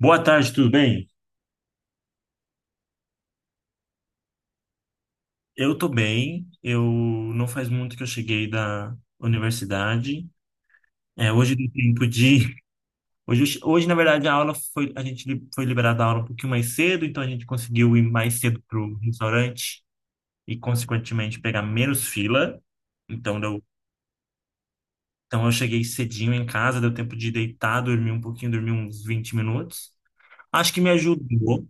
Boa tarde, tudo bem? Eu tô bem. Eu não faz muito que eu cheguei da universidade. É, hoje deu tempo de hoje na verdade a aula foi foi liberada a aula um pouquinho mais cedo, então a gente conseguiu ir mais cedo pro restaurante e consequentemente pegar menos fila. Então deu, então eu cheguei cedinho em casa, deu tempo de deitar, dormir um pouquinho, dormir uns 20 minutos. Acho que me ajudou.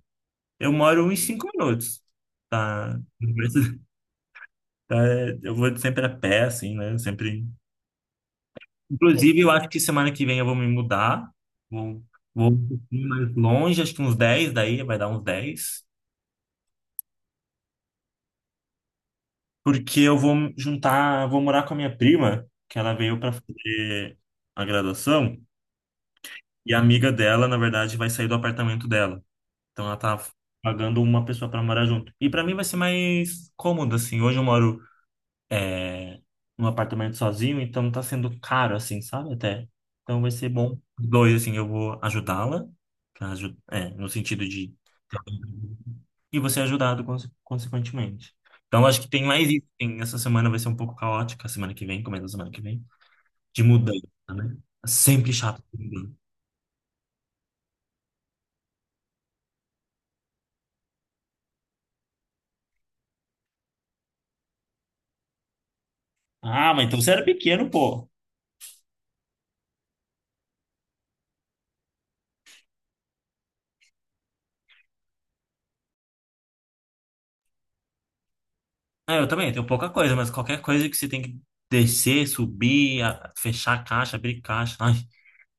Eu moro uns 5 minutos da universidade. É, eu vou sempre a pé, assim, né? Sempre. Inclusive, eu acho que semana que vem eu vou me mudar. Vou, vou um pouquinho mais longe, acho que uns 10 daí vai dar uns 10. Porque eu vou juntar, vou morar com a minha prima, que ela veio para fazer a graduação, e a amiga dela, na verdade, vai sair do apartamento dela. Então ela tá pagando uma pessoa para morar junto. E para mim vai ser mais cômodo, assim. Hoje eu moro num apartamento sozinho, então tá sendo caro, assim, sabe? Até. Então vai ser bom. Dois, assim, eu vou ajudá-la, no sentido de. E você é ajudado, consequentemente. Então acho que tem mais isso. Essa semana vai ser um pouco caótica, a semana que vem, começo da semana que vem, de mudança, né? É sempre chato. Ah, mas então você era pequeno, pô. É, eu também tenho pouca coisa, mas qualquer coisa que você tem que descer, subir, fechar a caixa, abrir caixa. Ai,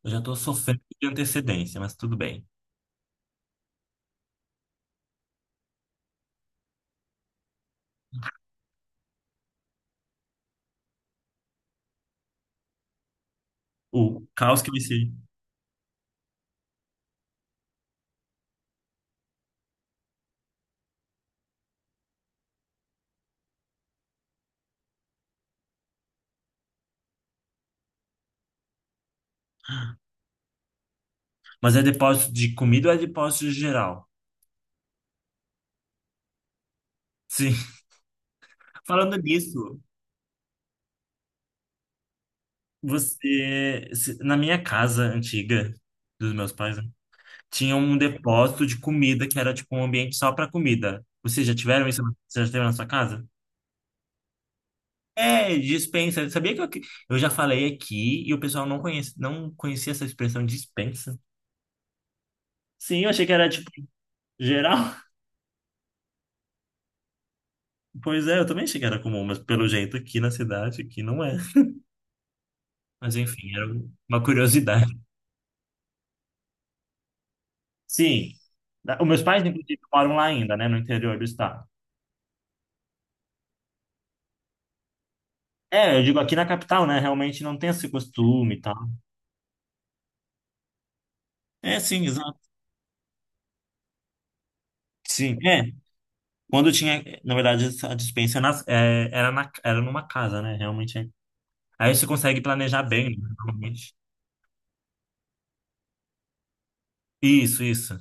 eu já tô sofrendo de antecedência, mas tudo bem. O caos que vai ser. Mas é depósito de comida ou é depósito geral? Sim. Falando nisso, você. Se- na minha casa antiga, dos meus pais, né, tinha um depósito de comida que era tipo um ambiente só para comida. Vocês já tiveram isso? Você já teve na sua casa? É, dispensa. Sabia que eu já falei aqui e o pessoal não conhece, não conhecia essa expressão dispensa? Sim, eu achei que era tipo geral. Pois é, eu também achei que era comum, mas pelo jeito aqui na cidade, aqui não é. Mas enfim, era uma curiosidade. Sim. Os meus pais, inclusive, moram lá ainda, né? No interior do estado. É, eu digo aqui na capital, né? Realmente não tem esse costume e tal. É, sim, exato. Sim, é. Quando tinha, na verdade, a dispensa era numa casa, né? Realmente. É. Aí você consegue planejar bem, né? Realmente. Isso, isso.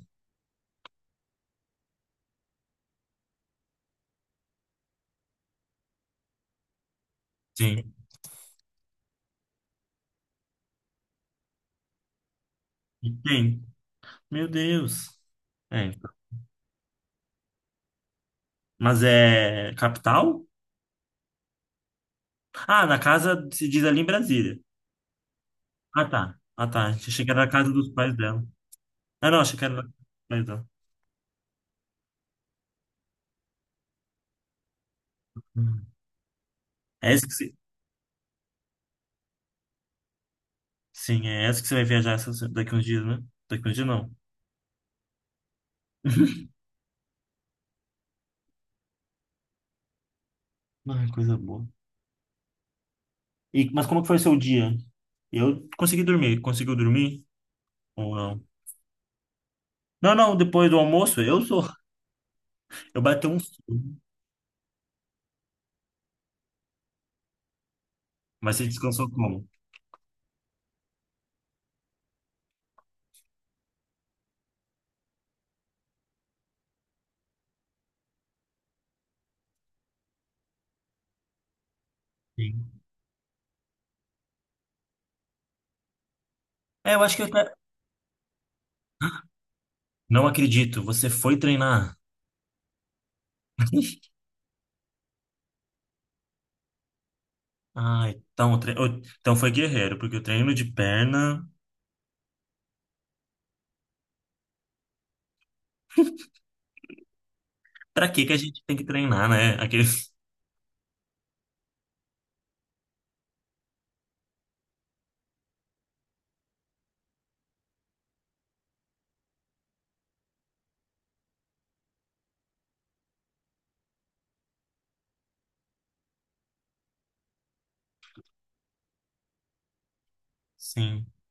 Sim. Tem. Meu Deus. É. Mas é capital? Ah, na casa se diz ali em Brasília. Ah, tá. Ah, tá. Achei que era na casa dos pais dela. Ah, não, achei que era na casa dos pais dela. Hum. É essa que você... Sim, é essa que você vai viajar daqui uns dias, né? Daqui uns dias não. Ah, coisa boa. Mas como que foi o seu dia? Eu consegui dormir. Conseguiu dormir ou não? Não, não, depois do almoço eu sou. Eu bati um sono. Mas você descansou como? Sim. É, eu acho que eu até... Não acredito, você foi treinar. Ah, então foi guerreiro, porque o treino de perna. Pra que que a gente tem que treinar, né? Aqueles... Sim.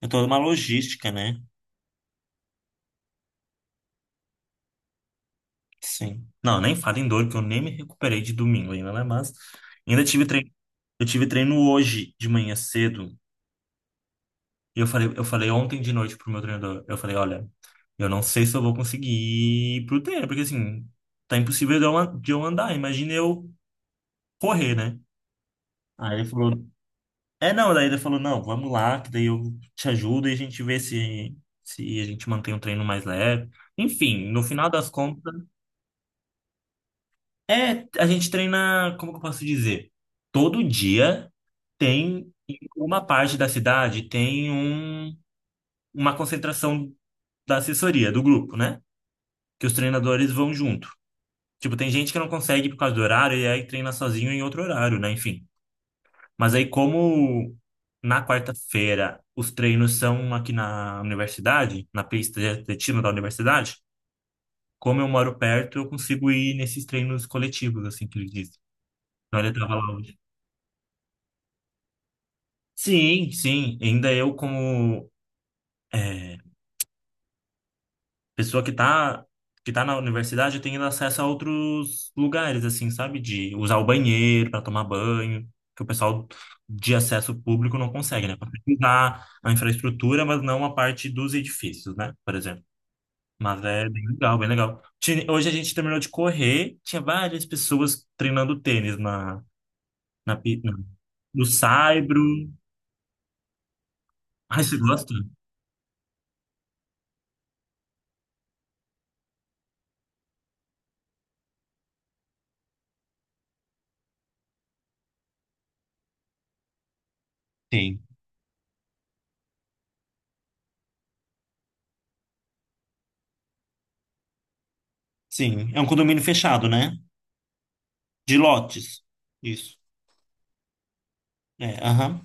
É toda uma logística, né? Sim. Não, nem falo em dor, que eu nem me recuperei de domingo ainda, né? Mas ainda tive treino. Eu tive treino hoje de manhã cedo. E eu falei ontem de noite pro meu treinador. Eu falei, olha, eu não sei se eu vou conseguir ir pro treino, porque assim, tá impossível de eu andar. Imagina eu correr, né? Aí ele falou, é não, daí ele falou, não, vamos lá, que daí eu te ajudo e a gente vê se a gente mantém o treino mais leve. Enfim, no final das contas. É, a gente treina, como que eu posso dizer? Todo dia tem em uma parte da cidade tem um, uma concentração da assessoria, do grupo, né? Que os treinadores vão junto. Tipo, tem gente que não consegue por causa do horário e aí treina sozinho em outro horário, né? Enfim. Mas aí, como na quarta-feira os treinos são aqui na universidade, na pista de atletismo da universidade, como eu moro perto, eu consigo ir nesses treinos coletivos, assim que eles dizem. Então, ele tava lá. Sim, sim. Ainda eu, como é, pessoa que tá, na universidade, eu tenho acesso a outros lugares, assim, sabe? De usar o banheiro para tomar banho, que o pessoal de acesso público não consegue, né? Para usar a infraestrutura, mas não a parte dos edifícios, né? Por exemplo. Mas é bem legal, bem legal. Hoje a gente terminou de correr, tinha várias pessoas treinando tênis na, pi- na- no Saibro. Ai, você gosta? Sim. Sim, é um condomínio fechado, né? De lotes. Isso. É, aham.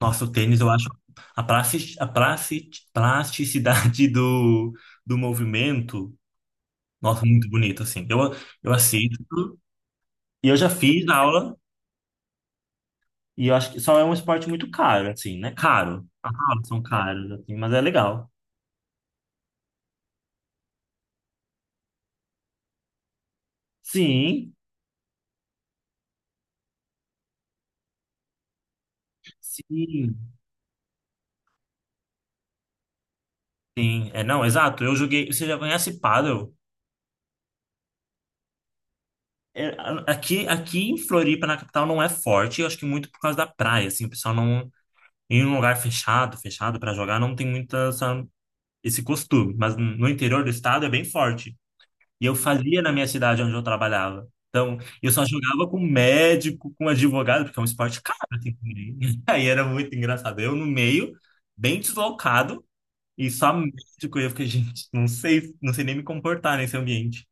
Nossa, o tênis, eu acho a plasticidade do movimento, nossa, muito bonito, assim. Eu assisto e eu já fiz aula e eu acho que só é um esporte muito caro, assim, né? Caro. As aulas são caras, assim, mas é legal. Sim, sim, sim. É, não, exato. Eu joguei. Você já conhece pádel? É, aqui em Floripa, na capital, não é forte. Eu acho que muito por causa da praia, assim, o pessoal não. Em um lugar fechado, fechado para jogar, não tem muito essa, esse costume. Mas no interior do estado é bem forte. E eu fazia na minha cidade onde eu trabalhava. Então, eu só jogava com médico, com advogado, porque é um esporte caro, assim, também. Aí era muito engraçado. Eu no meio, bem deslocado, e só médico. E eu fiquei, gente, não sei, não sei nem me comportar nesse ambiente.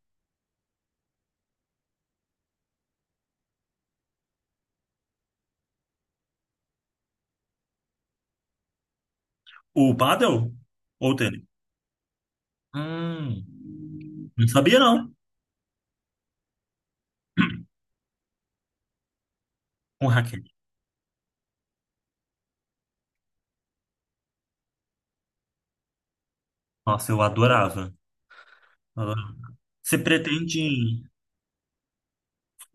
O pádel ou o tênis? Hum, não sabia, não. Com raquete. Nossa, eu adorava. Adorava. Você pretende.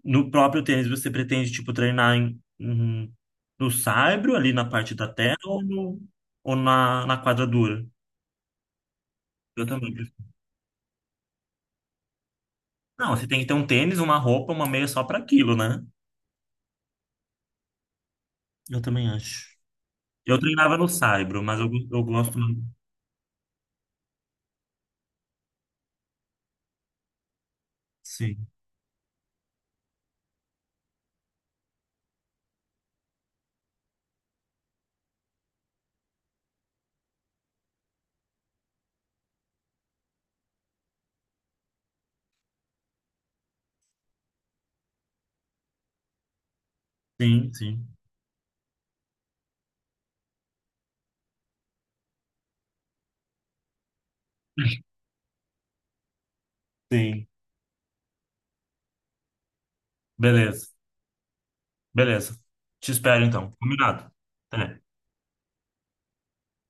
No próprio tênis, você pretende, tipo, treinar no saibro, ali na parte da terra, ou, no, ou na quadra dura? Eu também. Não, você tem que ter um tênis, uma roupa, uma meia só para aquilo, né? Eu também acho. Eu treinava no saibro, mas eu gosto. Sim, sim, sim. Sim. Beleza, beleza. Te espero então. Combinado. Até.